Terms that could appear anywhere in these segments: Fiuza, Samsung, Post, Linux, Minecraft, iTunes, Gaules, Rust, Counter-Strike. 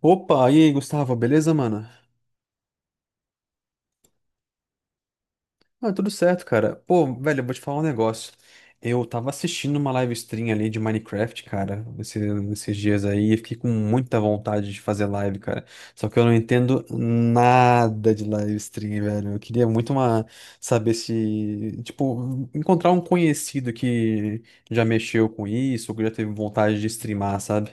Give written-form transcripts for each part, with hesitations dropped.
Opa, e aí, Gustavo, beleza, mano? Ah, tudo certo, cara. Pô, velho, eu vou te falar um negócio. Eu tava assistindo uma live stream ali de Minecraft, cara, esses dias aí, e fiquei com muita vontade de fazer live, cara. Só que eu não entendo nada de live stream, velho. Eu queria muito saber se, tipo, encontrar um conhecido que já mexeu com isso, ou que já teve vontade de streamar, sabe?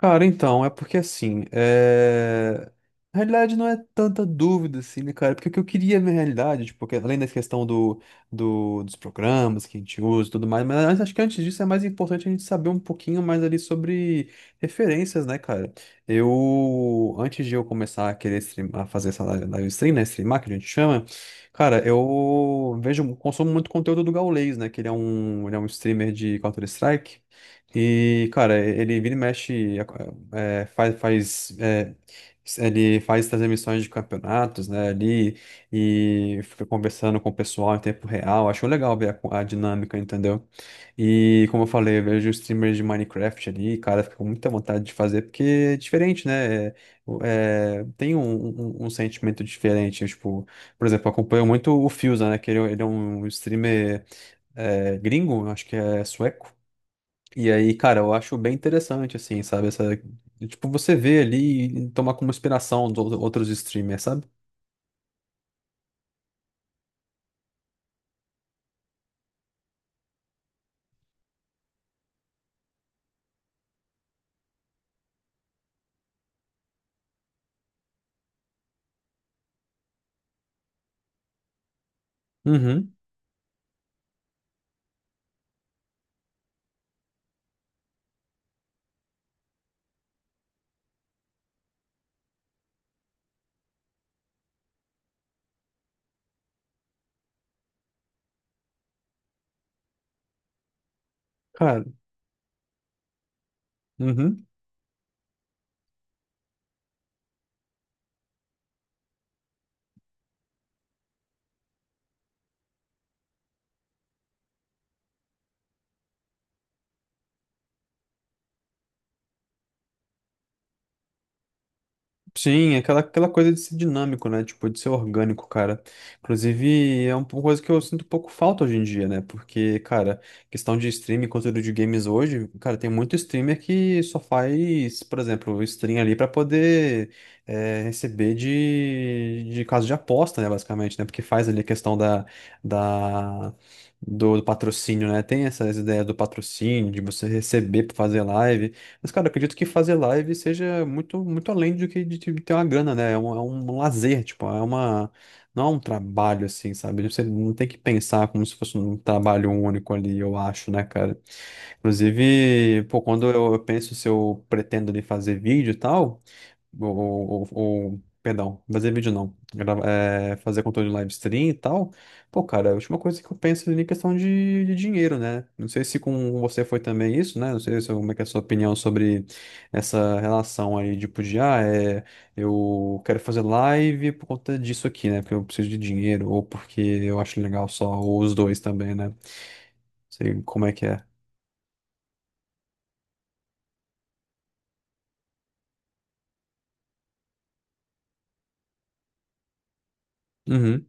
Cara, então, é porque assim, na realidade não é tanta dúvida assim, né, cara? Porque o que eu queria na realidade, tipo, além da questão do, dos programas que a gente usa e tudo mais, mas acho que antes disso é mais importante a gente saber um pouquinho mais ali sobre referências, né, cara? Eu, antes de eu começar a querer streamar, a fazer essa live stream, né, streamar, que a gente chama, cara, eu vejo, consumo muito conteúdo do Gaules, né, que ele é um streamer de Counter-Strike. E, cara, ele vira e mexe, faz, ele faz essas emissões de campeonatos, né, ali, e fica conversando com o pessoal em tempo real. Acho legal ver a dinâmica, entendeu? E, como eu falei, eu vejo streamers de Minecraft ali, cara, fico com muita vontade de fazer, porque é diferente, né? Tem um, um sentimento diferente, tipo, por exemplo, eu acompanho muito o Fiuza, né, que ele é um streamer gringo, acho que é sueco. E aí, cara, eu acho bem interessante, assim, sabe? Essa, tipo, você vê ali e tomar como inspiração dos outros streamers, sabe? Uhum, cara. Uhum. Sim, é aquela coisa de ser dinâmico, né? Tipo, de ser orgânico, cara. Inclusive, é uma coisa que eu sinto um pouco falta hoje em dia, né? Porque, cara, questão de streaming, conteúdo de games hoje, cara, tem muito streamer que só faz, por exemplo, stream ali pra poder receber de caso de aposta, né? Basicamente, né? Porque faz ali a questão da, do patrocínio, né? Tem essas ideias do patrocínio, de você receber pra fazer live. Mas, cara, acredito que fazer live seja muito, muito além do que de ter uma grana, né? É um lazer, tipo, é uma. Não é um trabalho, assim, sabe? Você não tem que pensar como se fosse um trabalho único ali, eu acho, né, cara? Inclusive, pô, quando eu penso se eu pretendo ali fazer vídeo e tal. Perdão, fazer vídeo não. Fazer conteúdo em live stream e tal. Pô, cara, a última coisa que eu penso ali é questão de dinheiro, né? Não sei se com você foi também isso, né? Não sei se, como é que é a sua opinião sobre essa relação aí, tipo, de, eu quero fazer live por conta disso aqui, né? Porque eu preciso de dinheiro, ou porque eu acho legal só, ou os dois também, né? Não sei como é que é. Uhum.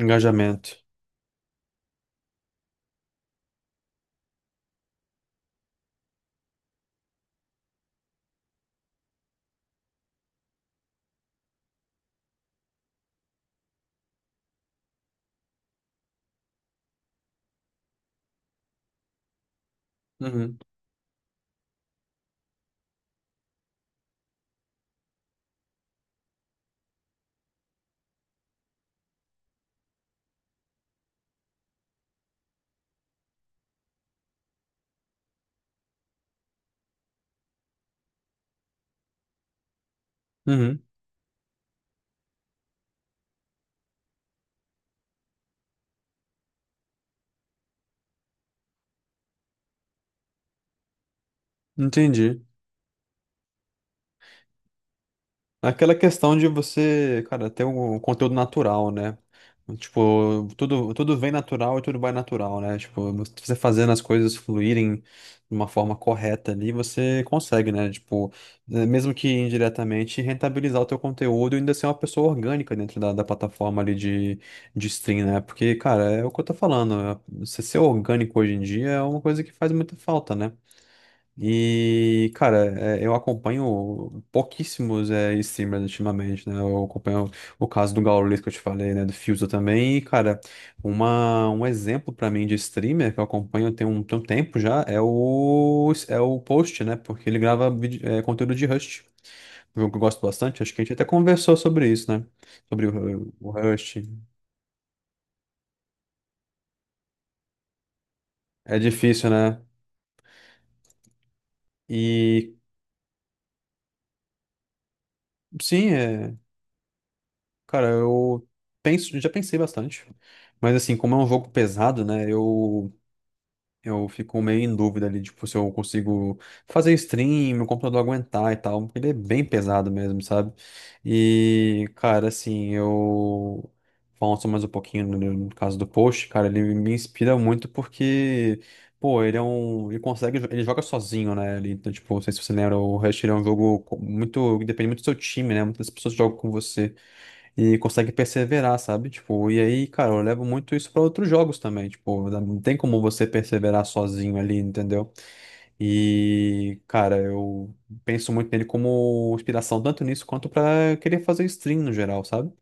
Engajamento. Uhum. Uhum. Entendi. Aquela questão de você, cara, ter um conteúdo natural, né? Tipo, tudo vem natural e tudo vai natural, né? Tipo, você fazendo as coisas fluírem de uma forma correta ali, você consegue, né? Tipo, mesmo que indiretamente, rentabilizar o teu conteúdo e ainda ser uma pessoa orgânica dentro da plataforma ali de stream, né? Porque, cara, é o que eu tô falando. Você ser orgânico hoje em dia é uma coisa que faz muita falta, né? E, cara, eu acompanho pouquíssimos streamers ultimamente, né? Eu acompanho o caso do Gaules que eu te falei, né? Do Fuso também. E, cara, um exemplo pra mim de streamer que eu acompanho tem um tempo já é o Post, né? Porque ele grava conteúdo de Rust. Um jogo que eu gosto bastante. Acho que a gente até conversou sobre isso, né? Sobre o Rust. É difícil, né? E sim, é. Cara, eu penso, já pensei bastante. Mas assim, como é um jogo pesado, né? Eu fico meio em dúvida ali, tipo, se eu consigo fazer stream, meu computador aguentar e tal. Porque ele é bem pesado mesmo, sabe? E, cara, assim, eu falando só mais um pouquinho no caso do Post, cara, ele me inspira muito porque, pô, ele é um. Ele consegue, ele joga sozinho, né? Ele, então, tipo, não sei se você lembra, o Rush ele é um jogo muito que depende muito do seu time, né? Muitas pessoas jogam com você e consegue perseverar, sabe? Tipo, e aí, cara, eu levo muito isso para outros jogos também, tipo, não tem como você perseverar sozinho ali, entendeu? E, cara, eu penso muito nele como inspiração, tanto nisso quanto para querer fazer stream no geral, sabe?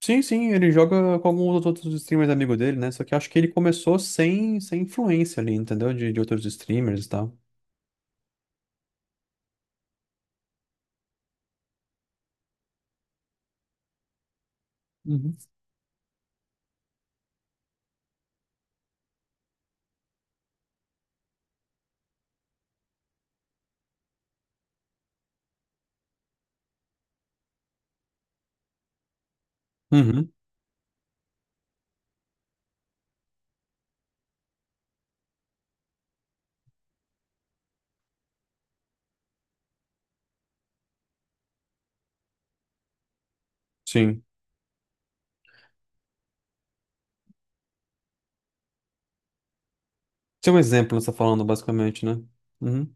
Sim, sim, ele joga com alguns dos outros streamers amigos dele, né? Só que eu acho que ele começou sem influência ali, entendeu? De outros streamers e tal. Uhum. Uhum, sim. Tem um exemplo, você tá falando, basicamente, né? Uhum.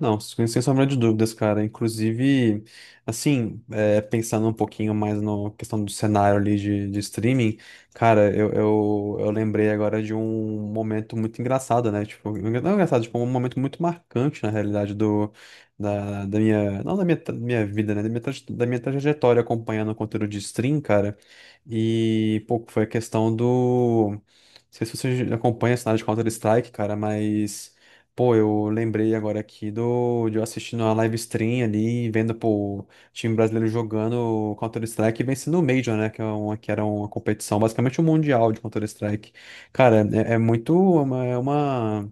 Não, sem sombra de dúvidas, cara. Inclusive, assim, pensando um pouquinho mais na questão do cenário ali de streaming, cara, eu lembrei agora de um momento muito engraçado, né? Tipo, não é engraçado, tipo, é um momento muito marcante, na realidade, da minha, não da minha, da minha vida, né? Da minha trajetória acompanhando o conteúdo de stream, cara. E, pô, foi a questão do. Não sei se você acompanha a cenário de Counter-Strike, cara, mas. Pô, eu lembrei agora aqui de eu assistindo a live stream ali, vendo pô, o time brasileiro jogando Counter-Strike e vencendo o Major, né? Que era uma competição, basicamente um mundial de Counter-Strike. Cara, é muito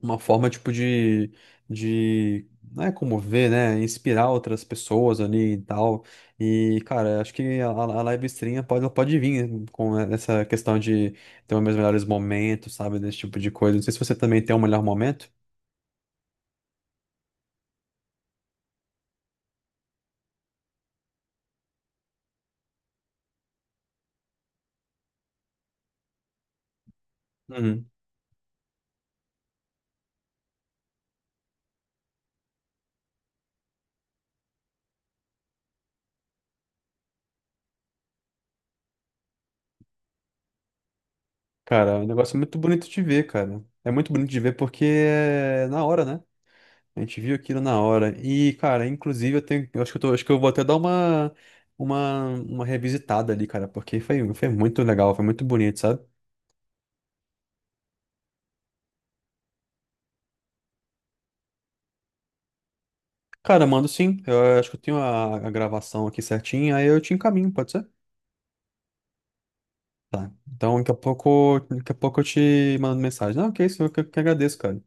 uma forma, tipo, de, não é como ver né? Inspirar outras pessoas ali e tal. E, cara, acho que a live stream pode, ela pode vir com essa questão de ter os meus melhores momentos, sabe? Desse tipo de coisa. Não sei se você também tem um melhor momento. Uhum. Cara, é um negócio muito bonito de ver, cara. É muito bonito de ver porque é na hora, né? A gente viu aquilo na hora. E, cara, inclusive eu acho que acho que eu vou até dar uma uma revisitada ali, cara, porque foi muito legal, foi muito bonito, sabe? Cara, mando sim. Eu acho que eu tenho a gravação aqui certinha, aí eu te encaminho, pode ser? Tá. Então, daqui a pouco eu te mando mensagem. Não, que isso, eu que agradeço, cara.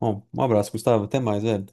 Bom, um abraço, Gustavo. Até mais, velho.